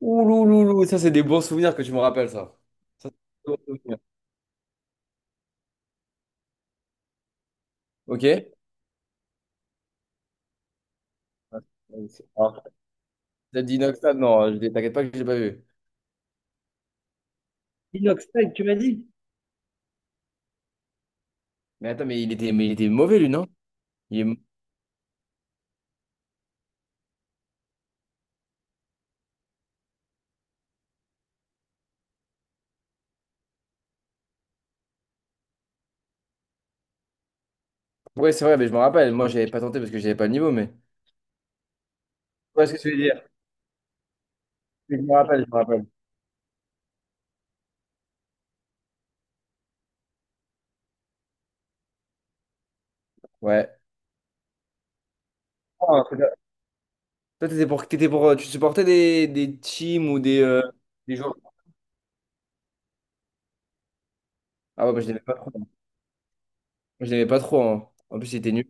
Ouloulou, ça c'est des bons souvenirs que tu me rappelles ça. Ça, c'est des bons souvenirs. Ok? Alors, t'as dit Inoxtag, non, t'inquiète pas que je l'ai pas vu. Inoxtag, tu m'as dit? Mais attends, mais il était mauvais lui, non? Il est- Ouais, c'est vrai, mais je me rappelle. Moi, j'avais pas tenté parce que j'avais pas le niveau, mais. Ouais, ce que tu veux dire. Mais je me rappelle, je me rappelle. Ouais. Oh, un truc là. Toi, t'étais pour, tu supportais des teams ou des joueurs. Ah ouais, moi je l'aimais pas trop, hein. Moi, je l'aimais pas trop, hein. En plus, il était nul.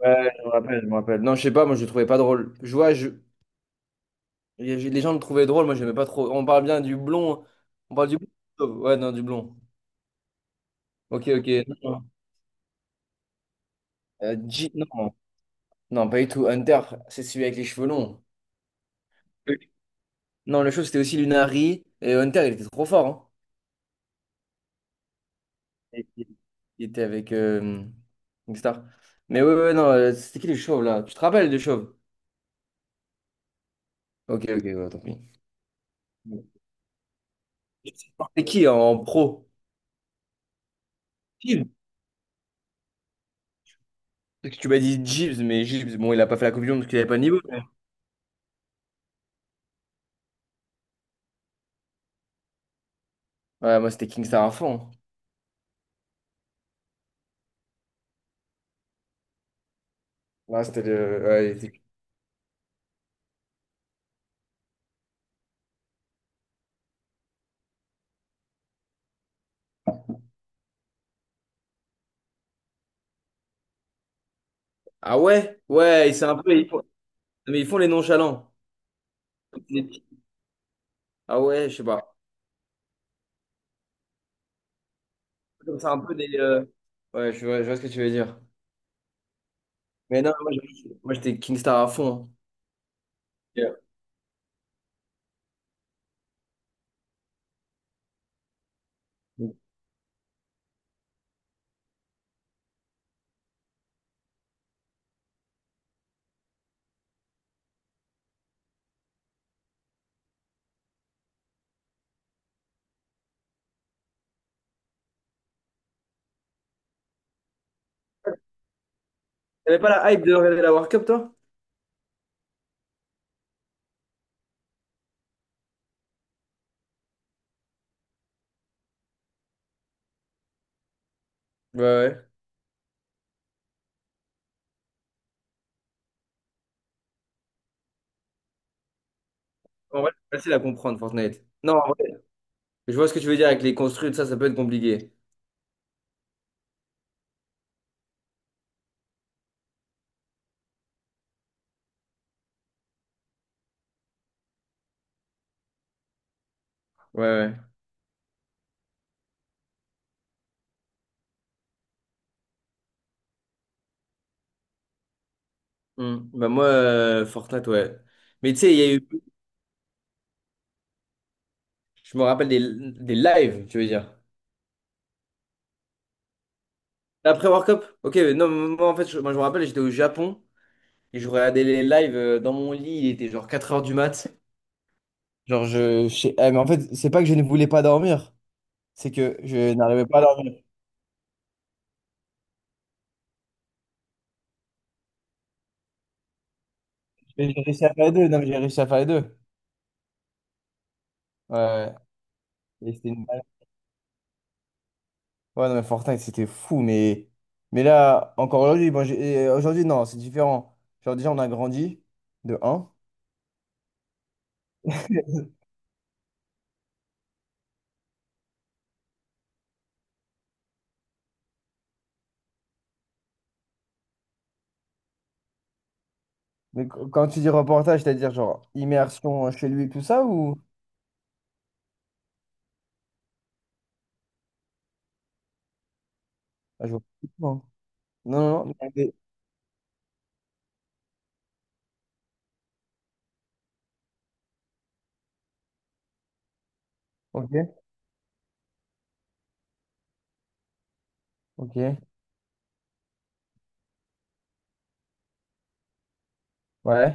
Ouais, je me rappelle, je me rappelle. Non, je sais pas, moi je le trouvais pas drôle. Je vois. Les gens le trouvaient drôle, moi j'aimais pas trop. On parle bien du blond. On parle du blond. Ouais, non, du blond. Ok, ok. Non, non. Non, pas du tout. Hunter, c'est celui avec les cheveux longs. Oui. Non, le show c'était aussi Lunari. Et Hunter, il était trop fort, hein. Et- et- Il était avec une star. Mais ouais, ouais, non, c'était qui les chauves là? Tu te rappelles des chauves? Ok, ok, ouais, tant pis. C'était qui en pro? Gibbs. Parce que tu m'as dit Gibbs, mais Gibbs, bon, il a pas fait la Coupe du Monde parce qu'il avait pas de niveau. Ouais, moi c'était Kingstar à fond. Là, c'était le, ouais, Ah ouais? Ouais, c'est un peu, Mais ils font les nonchalants. Les petits- Ah ouais, je sais pas. Comme c'est un peu des. Ouais, je vois ce que tu veux dire. Mais non, moi, j'étais Kingstar à fond, hein. Yeah. T'avais pas la hype de regarder la World Cup, toi? Ouais, ouais. En vrai, c'est facile à comprendre, Fortnite. Non, en vrai, je vois ce que tu veux dire avec les construits, ça peut être compliqué. Ouais, ouais. Hmm. Bah moi, Fortnite, ouais. Mais tu sais, il y a eu. Je me rappelle des lives, tu veux dire. Après World Cup? Ok, mais non, moi en fait, je me rappelle, j'étais au Japon et je regardais les lives dans mon lit, il était genre 4 heures du mat. Genre, mais en fait, c'est pas que je ne voulais pas dormir, c'est que je n'arrivais pas à dormir. Mais j'ai réussi à faire les deux, non, mais j'ai réussi à faire les deux. Ouais, ouais. Et c'était une balle. Ouais, non, mais Fortnite, c'était fou, mais là, encore aujourd'hui, bon, aujourd'hui, non, c'est différent. Genre, déjà, on a grandi de un. Mais quand tu dis reportage, c'est-à-dire genre immersion chez lui, tout ça, ou. Ah, je vois pas. Non, non, non. Ok. Ok, ouais.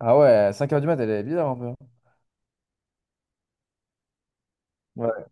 Ah ouais, 5 heures du mat, elle est bizarre un peu. Ouais,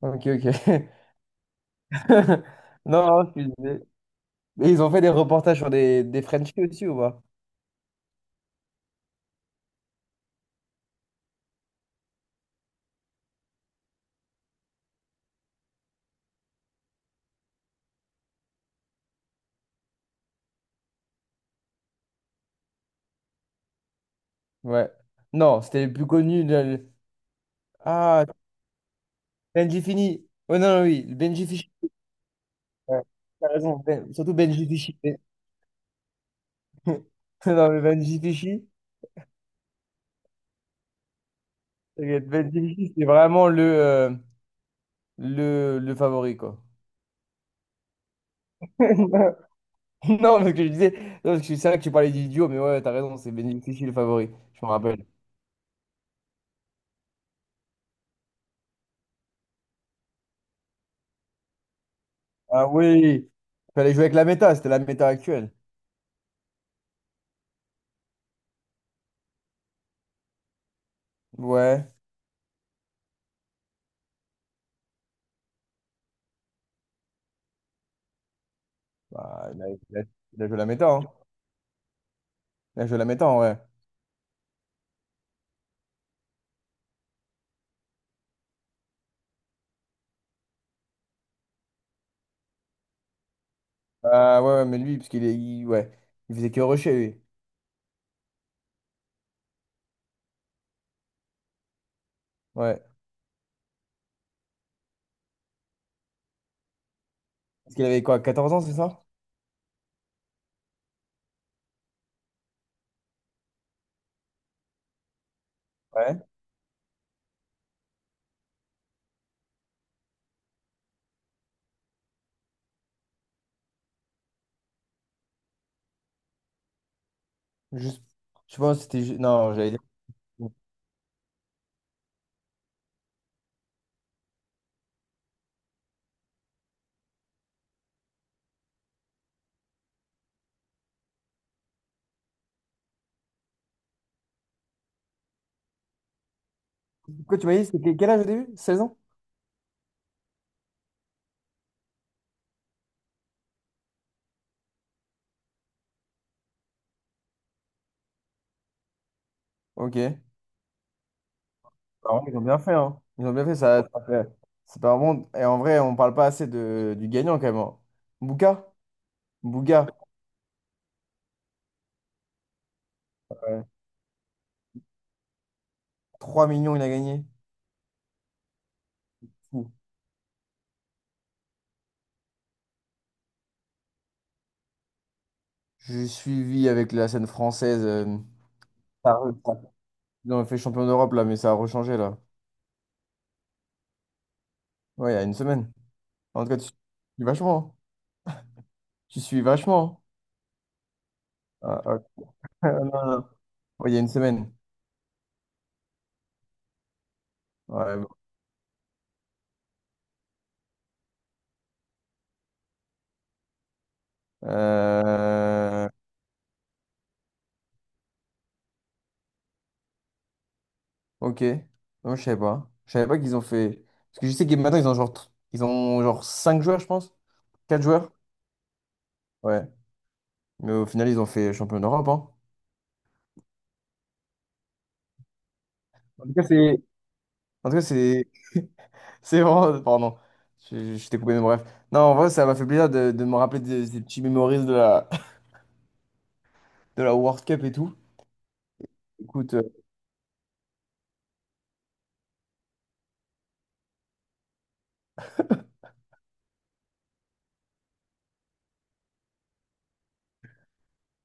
ok, ok. Non, non, je suis désolé. Mais ils ont fait des reportages sur des Frenchies aussi ou pas? Ouais. Non, c'était les plus connus. Ah, Benji Fini. Ouais, non, non, oui, Benji Fishy. Ouais, t'as raison, surtout Benji Fishy. Non, mais Benji Fishy, t'inquiète, Benji Fishy, c'est vraiment le favori, quoi. Non, parce que je disais, non, parce que c'est vrai que tu parlais du duo, mais ouais, t'as raison, c'est Benji Fishy le favori. Je me rappelle. Ah oui, il fallait jouer avec la méta, c'était la méta actuelle. Ouais, bah, il a joué la méta, hein. Il a joué la méta, en vrai. Ah ouais, ouais, mais lui, parce ouais, il faisait que rusher, lui. Ouais. Parce qu'il avait quoi, 14 ans, c'est ça? Ouais. Juste, je pense que c'était. Non, j'allais dire. Quoi, tu m'as dit, c'était quel âge au début? 16 ans? Ok. Ah ouais, ils ont bien fait, hein. Ils ont bien fait, ça. C'est pas vraiment. Et en vrai, on parle pas assez du gagnant, quand même, hein. Bouka? Bouga. Ouais. 3 millions, il a gagné, fou. J'ai suivi avec la scène française, ça a re- ça- Ils ont fait champion d'Europe là, mais ça a rechangé là. Ouais, il y a une semaine. En tout cas, tu suis vachement, hein. Tu suis vachement. Ah, ok. Ah, non, non. Ouais, il y a une semaine. Ouais, bon. Euh, Ok. Non, je savais pas. Je savais pas qu'ils ont fait. Parce que je sais que maintenant, ils ont genre 5 joueurs, je pense. Quatre joueurs. Ouais. Mais au final, ils ont fait champion d'Europe, hein. En tout cas, c'est. En tout cas, c'est. C'est vraiment. Pardon, je t'ai coupé mes bref. Non, en vrai, ça m'a fait plaisir de me rappeler ces petits memories de la, de la World Cup et tout. Écoute,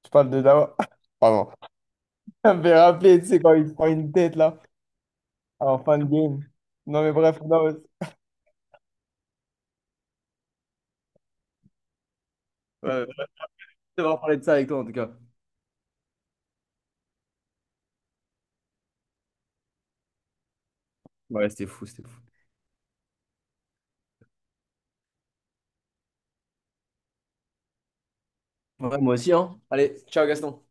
tu parles de Dawa. Pardon. Ça me fait rappeler, tu sais, quand il se prend une tête, là, en fin de game. Non, mais bref, non, ouais, ouais, je vais devoir parler de ça avec toi, en tout cas. Ouais, c'était fou, c'était fou. Ouais, moi aussi, hein. Allez, ciao, Gaston.